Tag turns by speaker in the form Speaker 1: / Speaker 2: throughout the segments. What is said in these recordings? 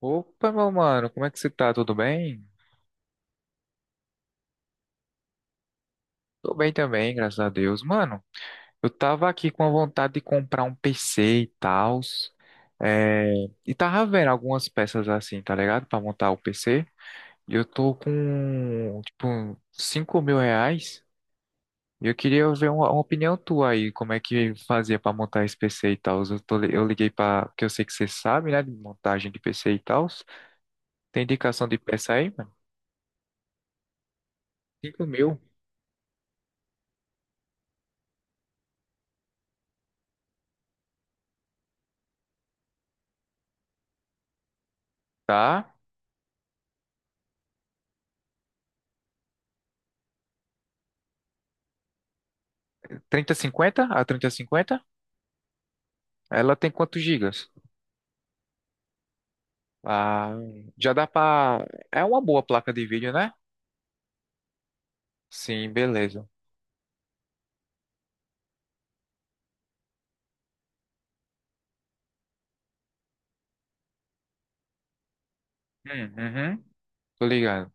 Speaker 1: Opa, meu mano, como é que você tá? Tudo bem? Tô bem também, graças a Deus. Mano, eu tava aqui com a vontade de comprar um PC e tal, e tava vendo algumas peças assim, tá ligado? Pra montar o PC. E eu tô com, tipo, 5.000 reais. E eu queria ver uma opinião tua aí, como é que fazia pra montar esse PC e tal. Eu liguei pra, porque eu sei que você sabe, né, de montagem de PC e tal. Tem indicação de peça aí, mano? 5.000, tá? 3050, a trinta e cinquenta, ela tem quantos gigas? Ah, já dá pra. É uma boa placa de vídeo, né? Sim, beleza. Uhum. Tô ligado.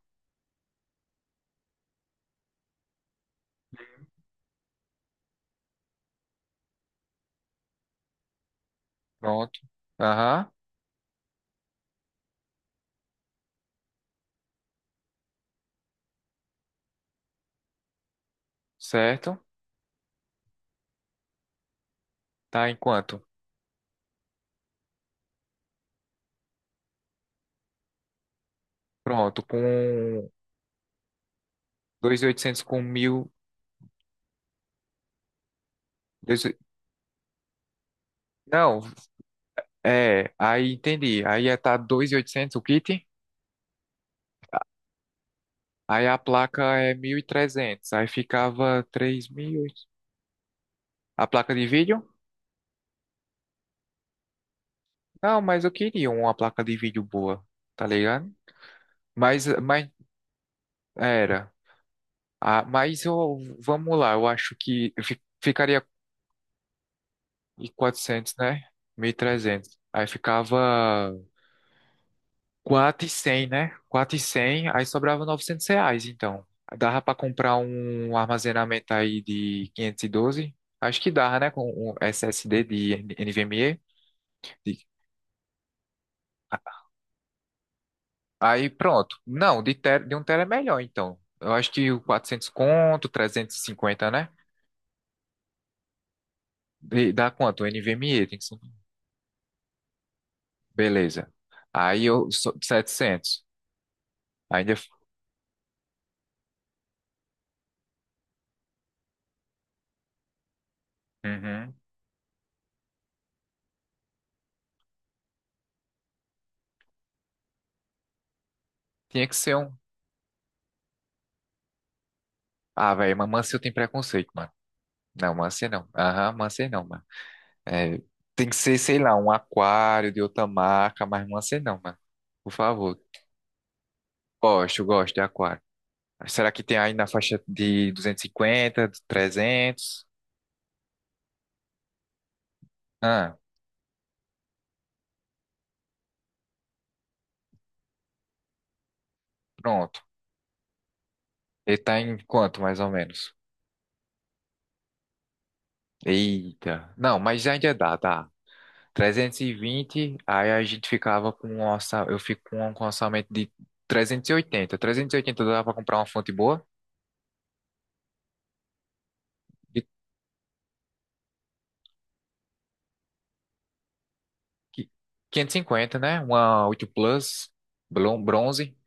Speaker 1: Pronto. Aham, certo. Tá em quanto? Pronto, com 2.800, com 1.000 dois- Não, é, aí entendi. Aí ia tá 2.800 o kit, aí a placa é 1.300, aí ficava 3.000. A placa de vídeo? Não, mas eu queria uma placa de vídeo boa, tá ligado? Mas era. Ah, mas eu, vamos lá, eu acho que ficaria em 400, né? 1.300. Aí ficava 400 e 100, né? 400 e 100. Aí sobrava 900 reais, então. Dava pra comprar um armazenamento aí de 512? Acho que dava, né? Com um SSD de NVMe. Aí pronto. Não, de um tera é melhor, então. Eu acho que o 400 conto, 350, né? Dá quanto? O NVMe tem que ser. Beleza. Aí eu, 700. Ainda, Uhum. Tinha que ser um. Ah, velho, mas Mancia eu tenho preconceito, mano. Não, Mancia não. Aham, Mancia não, mano. É, tem que ser, sei lá, um aquário de outra marca, mas Mancia não, mano. Por favor. Gosto, gosto de aquário. Será que tem aí na faixa de 250, de 300? Ah, pronto. Ele tá em quanto, mais ou menos? Eita. Não, mas ainda dá, dá. 320. Aí a gente ficava com um orçamento, eu fico com um orçamento de 300. 380. 380 dá pra comprar uma fonte boa, de qui- 550, né? Uma 8 Plus, bronze.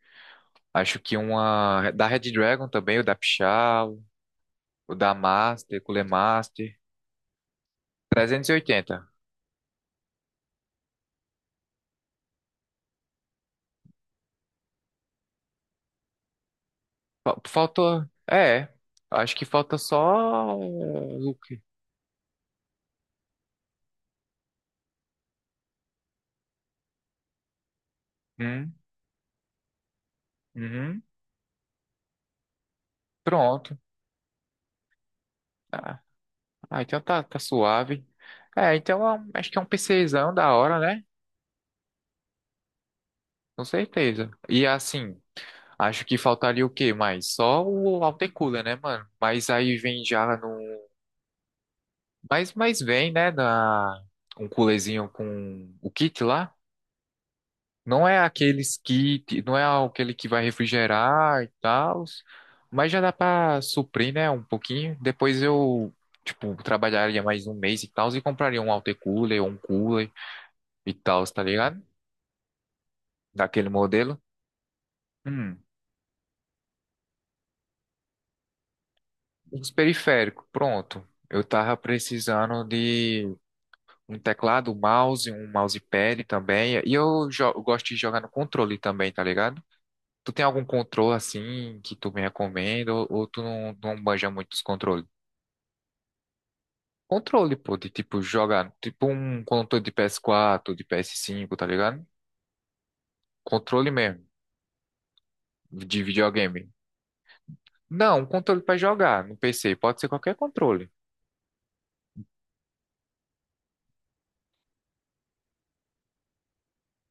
Speaker 1: Acho que uma da Red Dragon também, o da Pichau, o da Master, Cooler Master. 380. Faltou, é, acho que falta só o que? Hum? Uhum. Pronto. Ah, ah, então tá, tá suave. É, então acho que é um PCzão da hora, né? Com certeza. E assim, acho que faltaria o quê mais? Só o autocooler, né, mano? Mas aí vem já no. Mas vem, né? Na. Um coolerzinho com o kit lá. Não é aqueles kit, não é aquele que vai refrigerar e tal. Mas já dá pra suprir, né? Um pouquinho. Depois eu, tipo, trabalharia mais um mês e tal. E compraria um autocooler ou um cooler. E tal, tá ligado? Daquele modelo. Hum, os periféricos, pronto. Eu tava precisando de um teclado, um mouse, um mousepad também. E eu gosto de jogar no controle também, tá ligado? Tu tem algum controle assim que tu me recomenda, ou, tu não manja muito os controles? Controle, pô, de tipo jogar, tipo um controle de PS4, de PS5, tá ligado? Controle mesmo, de videogame. Não, um controle pra jogar no PC, pode ser qualquer controle.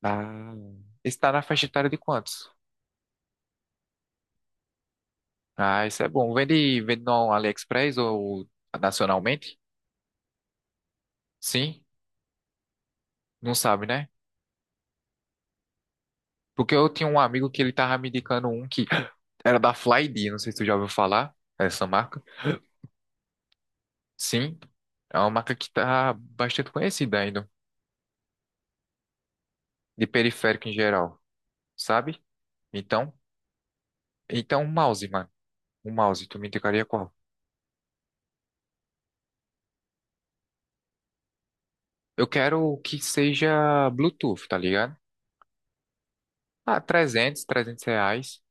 Speaker 1: Ah, está na faixa etária de quantos? Ah, isso é bom. Vende, vende no AliExpress ou nacionalmente? Sim? Não sabe, né? Porque eu tinha um amigo que ele tava me indicando um que era da Flyd, não sei se tu já ouviu falar essa marca. Sim, é uma marca que tá bastante conhecida ainda, de periférico em geral, sabe? Então, então um mouse, mano. Um mouse, tu me indicaria qual? Eu quero que seja Bluetooth, tá ligado? Ah, 300, 300 reais.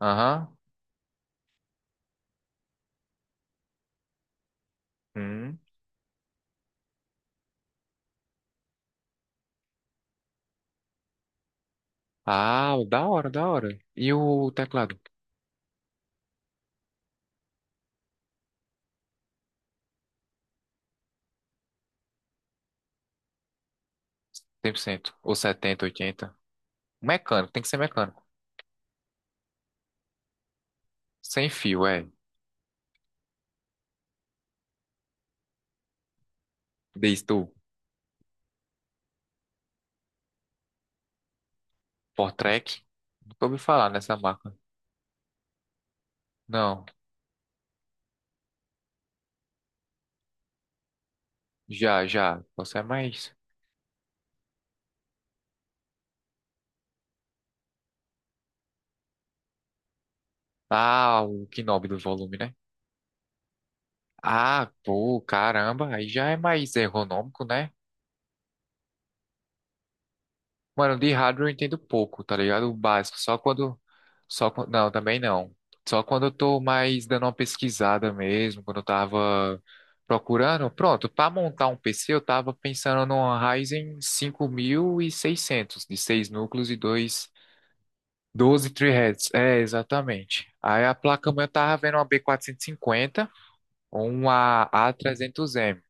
Speaker 1: Aham. Hum. Ah, da hora, da hora. E o teclado? 100%. Ou 70, 80? Mecânico, tem que ser mecânico. Sem fio, é. Diz tu, Portrek. Nunca ouvi falar nessa marca. Não, já, já. Você é mais. Ah, o Knob do volume, né? Ah, pô, caramba. Aí já é mais ergonômico, né? Mano, de hardware eu entendo pouco, tá ligado? O básico, só quando, não, também não. Só quando eu tô mais dando uma pesquisada mesmo, quando eu tava procurando. Pronto, pra montar um PC eu tava pensando numa Ryzen 5.600 de 6 núcleos e dois 12 threads. É, exatamente. Aí a placa-mãe eu tava vendo uma B 450 ou uma A 300 M,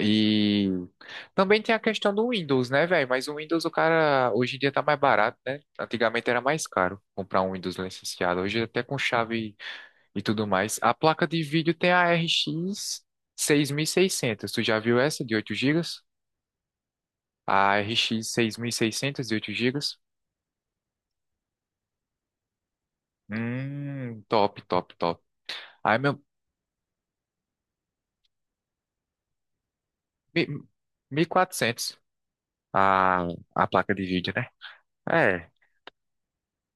Speaker 1: e também tem a questão do Windows, né, velho? Mas o Windows, o cara, hoje em dia tá mais barato, né? Antigamente era mais caro comprar um Windows licenciado. Hoje até com chave e tudo mais. A placa de vídeo tem a RX 600. Tu já viu essa de 8 GB? A RX seiscentos de 8 GB? Top, top, top. Aí, meu, mi- 1400. a, a placa de vídeo, né? É.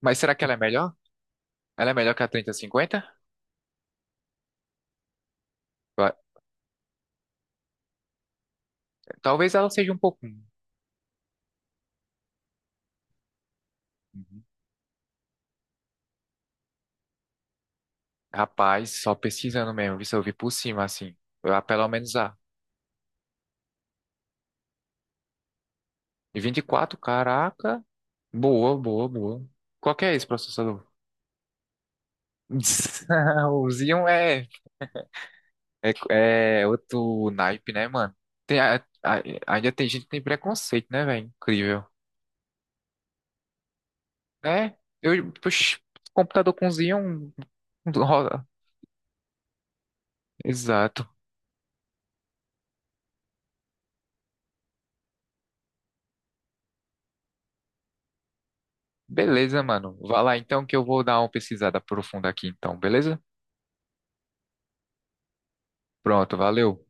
Speaker 1: Mas será que ela é melhor? Ela é melhor que a 3050? Talvez ela seja um pouco. Uhum. Rapaz, só pesquisando mesmo, isso eu vi por cima, assim. Ah, pelo menos a. E 24, caraca. Boa, boa, boa. Qual que é esse processador? O Xeon é outro naipe, né, mano? Tem, ainda tem gente que tem preconceito, né, velho? Incrível. É, eu, puxa, computador com Xeon roda. Exato. Beleza, mano. Vai lá então que eu vou dar uma pesquisada profunda aqui, então, beleza? Pronto, valeu.